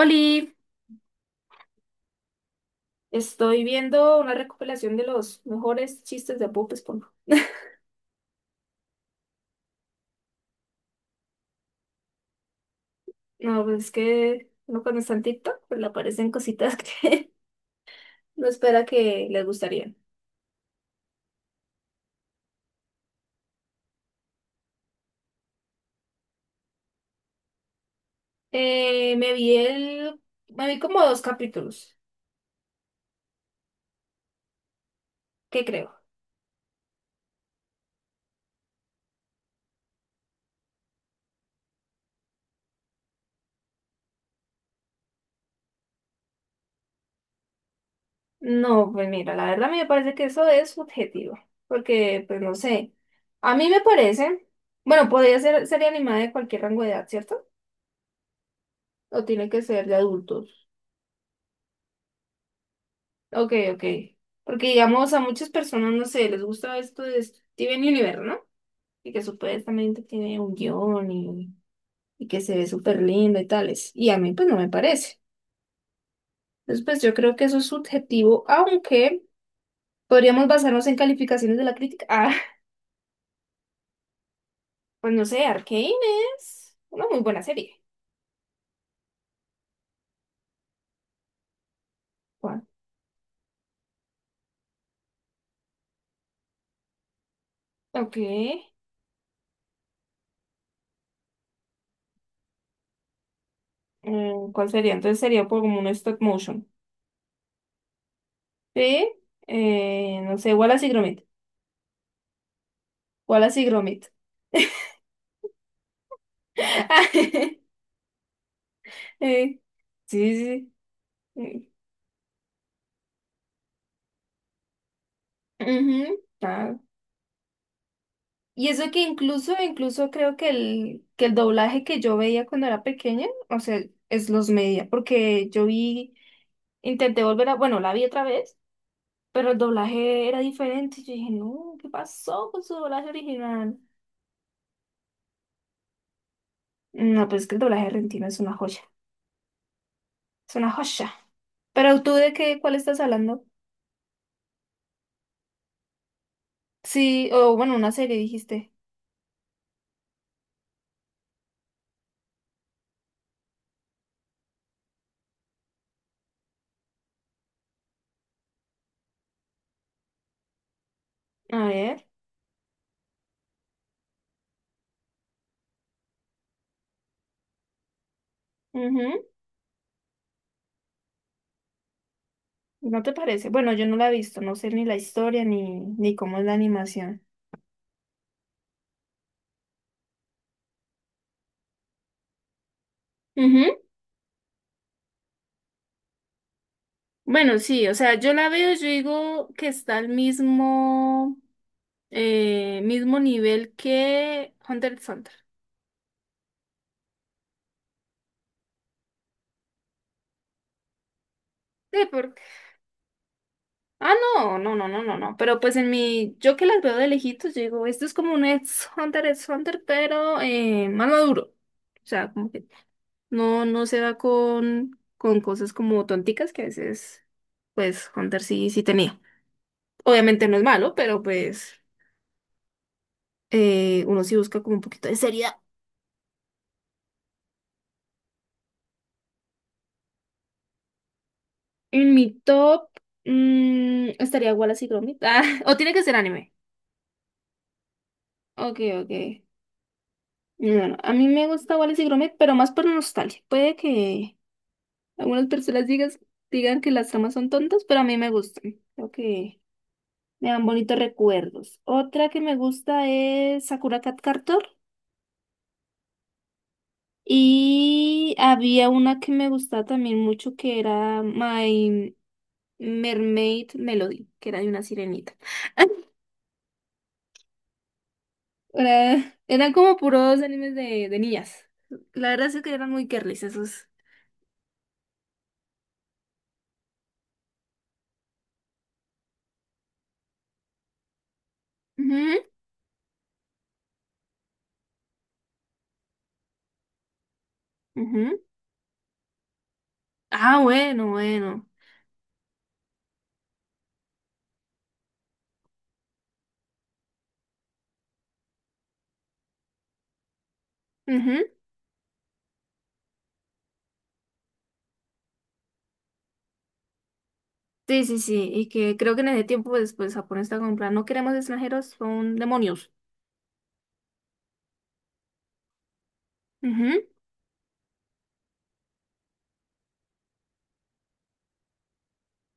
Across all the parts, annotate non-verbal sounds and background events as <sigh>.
Oli, estoy viendo una recopilación de los mejores chistes de Bob Esponja. No, pues es que uno cuando está en TikTok, pues le aparecen cositas que <laughs> no sé, les gustarían. Eh, me vi el, me vi como 2 capítulos. ¿Qué creo? No, pues mira, la verdad a mí me parece que eso es subjetivo, porque pues no sé. A mí me parece, bueno, podría ser serie animada de cualquier rango de edad, ¿cierto? O tiene que ser de adultos. Ok, ok. Porque digamos a muchas personas, no sé, les gusta esto de Steven Universe, ¿no? Y que supuestamente tiene un guión y que se ve súper lindo y tales. Y a mí pues no me parece. Entonces pues yo creo que eso es subjetivo, aunque podríamos basarnos en calificaciones de la crítica. Ah, <laughs> pues no sé, Arcane es una muy buena serie. ¿Cuál? Ok. Mm, ¿cuál sería? Entonces sería por como un stop motion. Sí, no sé, Wallace y Gromit. Wallace y Gromit. <laughs> Eh, sí, sí. eh, ujú, ah. Y eso que incluso creo que que el doblaje que yo veía cuando era pequeña, o sea, es los media, porque yo vi, intenté volver a, bueno, la vi otra vez, pero el doblaje era diferente. Yo dije, no, ¿qué pasó con su doblaje original? No, pues es que el doblaje argentino es una joya, es una joya. Pero tú de qué, ¿cuál estás hablando? Sí, o bueno, una serie dijiste. A ver. ¿No te parece? Bueno, yo no la he visto, no sé ni la historia ni cómo es la animación. Ujú. Bueno, sí, o sea, yo la veo, yo digo que está al mismo, mismo nivel que Hunter x Hunter. Sí, porque ah, no, no, no, no, no, no. Pero pues en mi, yo que las veo de lejitos, yo digo, esto es como un ex Hunter x Hunter, pero más maduro. O sea, como que no, no se va con cosas como tonticas que a veces, pues, Hunter sí, sí tenía. Obviamente no es malo, pero pues uno sí busca como un poquito de seriedad. En mi top mm, estaría Wallace y Gromit. Ah, <laughs> o tiene que ser anime. Ok, ok. No, no, a mí me gusta Wallace y Gromit, pero más por nostalgia. Puede que algunas personas digas, digan que las tramas son tontas, pero a mí me gustan. Creo que me dan bonitos recuerdos. Otra que me gusta es Sakura Card Captor. Y había una que me gustaba también mucho que era My... Mermaid Melody, que era de una sirenita. <laughs> Era- eran como puros animes de niñas. La verdad es que eran muy girlies esos. Ujú, ujú. Ah, bueno, bueno. Ujú. Sí, sí, sí. Y que creo que en ese tiempo después Japón está con plan, no queremos extranjeros, son demonios. Ujú.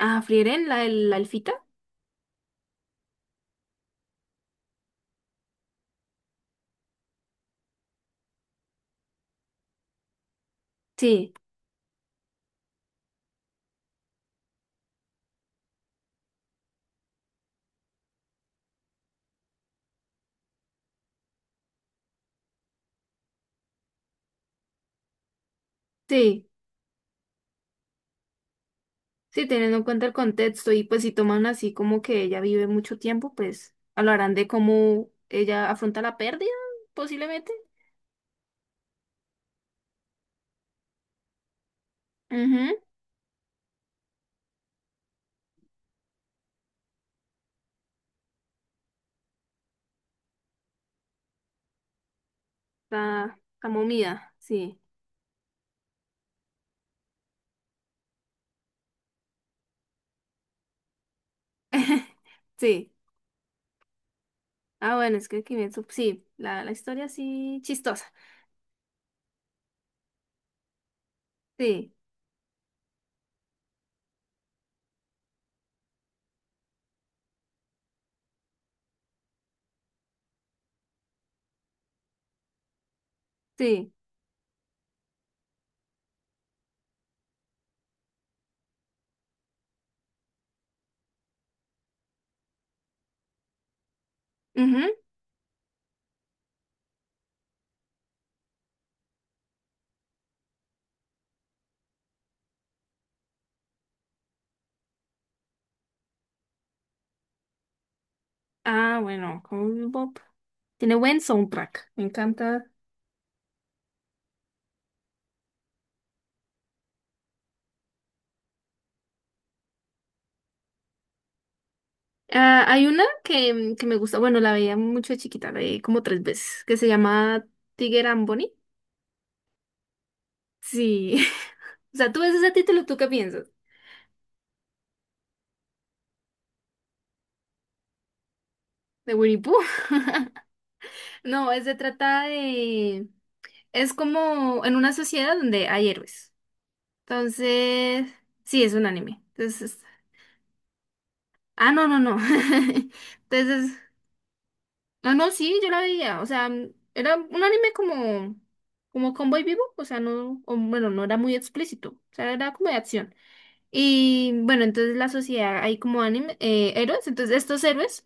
Ah, Frieren, la elfita. Sí, sí. Sí, teniendo en cuenta el contexto y pues si toman así como que ella vive mucho tiempo, pues hablarán de cómo ella afronta la pérdida, posiblemente. Ujú, la momia, sí. <laughs> Sí. Ah, bueno, es que Kimetsu, sí, la historia sí chistosa. Sí, sí. Ujú. Ah, bueno, Cowboy Bebop. Tiene buen soundtrack, me encanta. Ah, hay una que me gusta, bueno, la veía mucho de chiquita, la vi como 3 veces, que se llama Tiger and Bunny. Sí. <laughs> O sea, tú ves ese título, ¿tú qué piensas? ¿De Winnie Pooh? <laughs> No, es- se trata de... Es como en una sociedad donde hay héroes. Entonces, sí, es un anime. Entonces, ah, no, no, no. <laughs> Entonces, no, no, sí, yo la veía. O sea, mm, era un anime como, como Cowboy Vivo. O sea, no, o, bueno, no era muy explícito. O sea, era como de acción. Y bueno, entonces la sociedad hay como anime, héroes. Entonces, estos héroes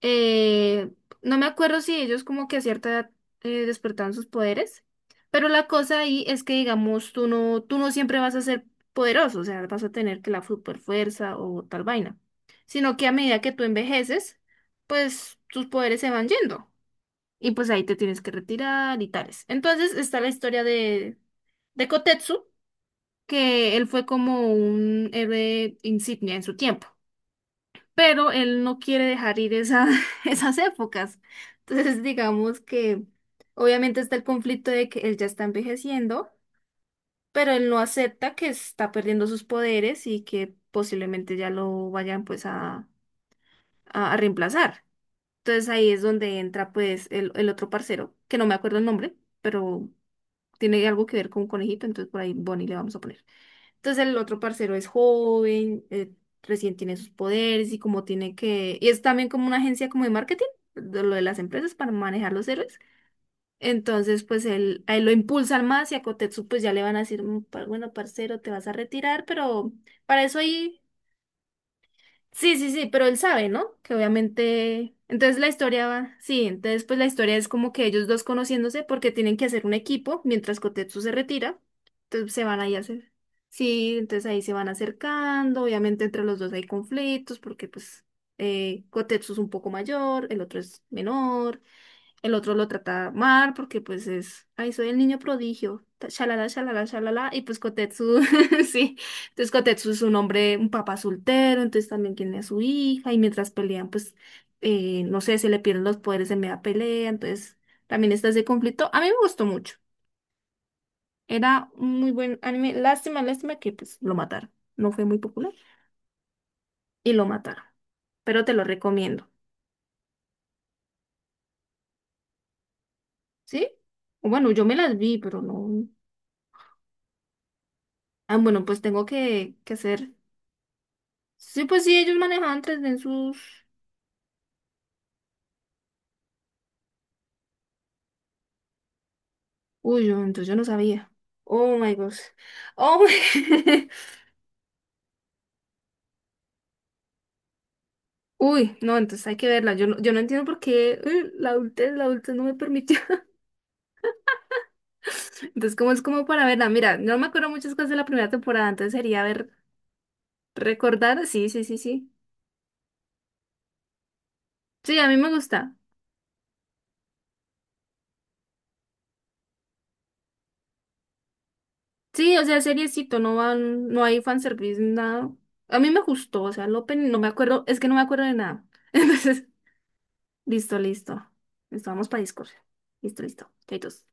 Eh, no me acuerdo si ellos como que a cierta edad despertaban sus poderes, pero la cosa ahí es que digamos tú no siempre vas a ser poderoso, o sea, vas a tener que la super fuerza o tal vaina, sino que a medida que tú envejeces, pues tus poderes se van yendo y pues ahí te tienes que retirar y tales. Entonces está la historia de Kotetsu, que él fue como un héroe insignia en su tiempo, pero él no quiere dejar ir esa, <laughs> esas épocas. Entonces, digamos que obviamente está el conflicto de que él ya está envejeciendo, pero él no acepta que está perdiendo sus poderes y que posiblemente ya lo vayan pues a reemplazar. Entonces ahí es donde entra pues el otro parcero, que no me acuerdo el nombre, pero tiene algo que ver con un conejito, entonces por ahí Bonnie le vamos a poner. Entonces el otro parcero es joven, recién tiene sus poderes y como tiene que... Y es también como una agencia como de marketing, de lo de las empresas para manejar los héroes. Entonces pues él, a él lo impulsan más y a Kotetsu pues ya le van a decir, "Mm, pa- bueno, parcero, te vas a retirar, pero para eso ahí". Sí, sí, sí, pero él sabe, ¿no? Que obviamente... Entonces la historia va... Sí, entonces pues la historia es como que ellos dos conociéndose porque tienen que hacer un equipo mientras Kotetsu se retira. Entonces se van ahí a hacer... Sí, entonces ahí se van acercando, obviamente entre los dos hay conflictos porque pues Kotetsu es un poco mayor, el otro es menor. El otro lo trata mal porque pues es, ay, soy el niño prodigio, ta- shalala, shalala, shalala, y pues Kotetsu, <laughs> sí, entonces Kotetsu es un hombre, un papá soltero, entonces también tiene a su hija, y mientras pelean, pues, no sé, se le pierden los poderes en media pelea, entonces también está ese conflicto. A mí me gustó mucho, era un muy buen anime, lástima, lástima que pues lo mataron, no fue muy popular, y lo mataron, pero te lo recomiendo, ¿sí? O bueno, yo me las vi, pero no. Ah, bueno, pues tengo que hacer. Sí, pues sí, ellos manejaban tres en sus... Uy, yo- entonces yo no sabía. Oh my gosh. Oh my... <laughs> Uy, no, entonces hay que verla. Yo no, yo no entiendo por qué la adultez no me permitió. <laughs> Entonces, como es como para verla? Mira, no me acuerdo muchas cosas de la primera temporada, entonces sería ver, recordar. Sí, sí, sí, sí. Sí, a mí me gusta. Sí, o sea, seriecito, no van, no hay fanservice, nada. A mí me gustó, o sea, el opening no me acuerdo, es que no me acuerdo de nada. <laughs> Entonces, listo, listo. Listo, vamos para Discord. Listo, listo. Chaitos.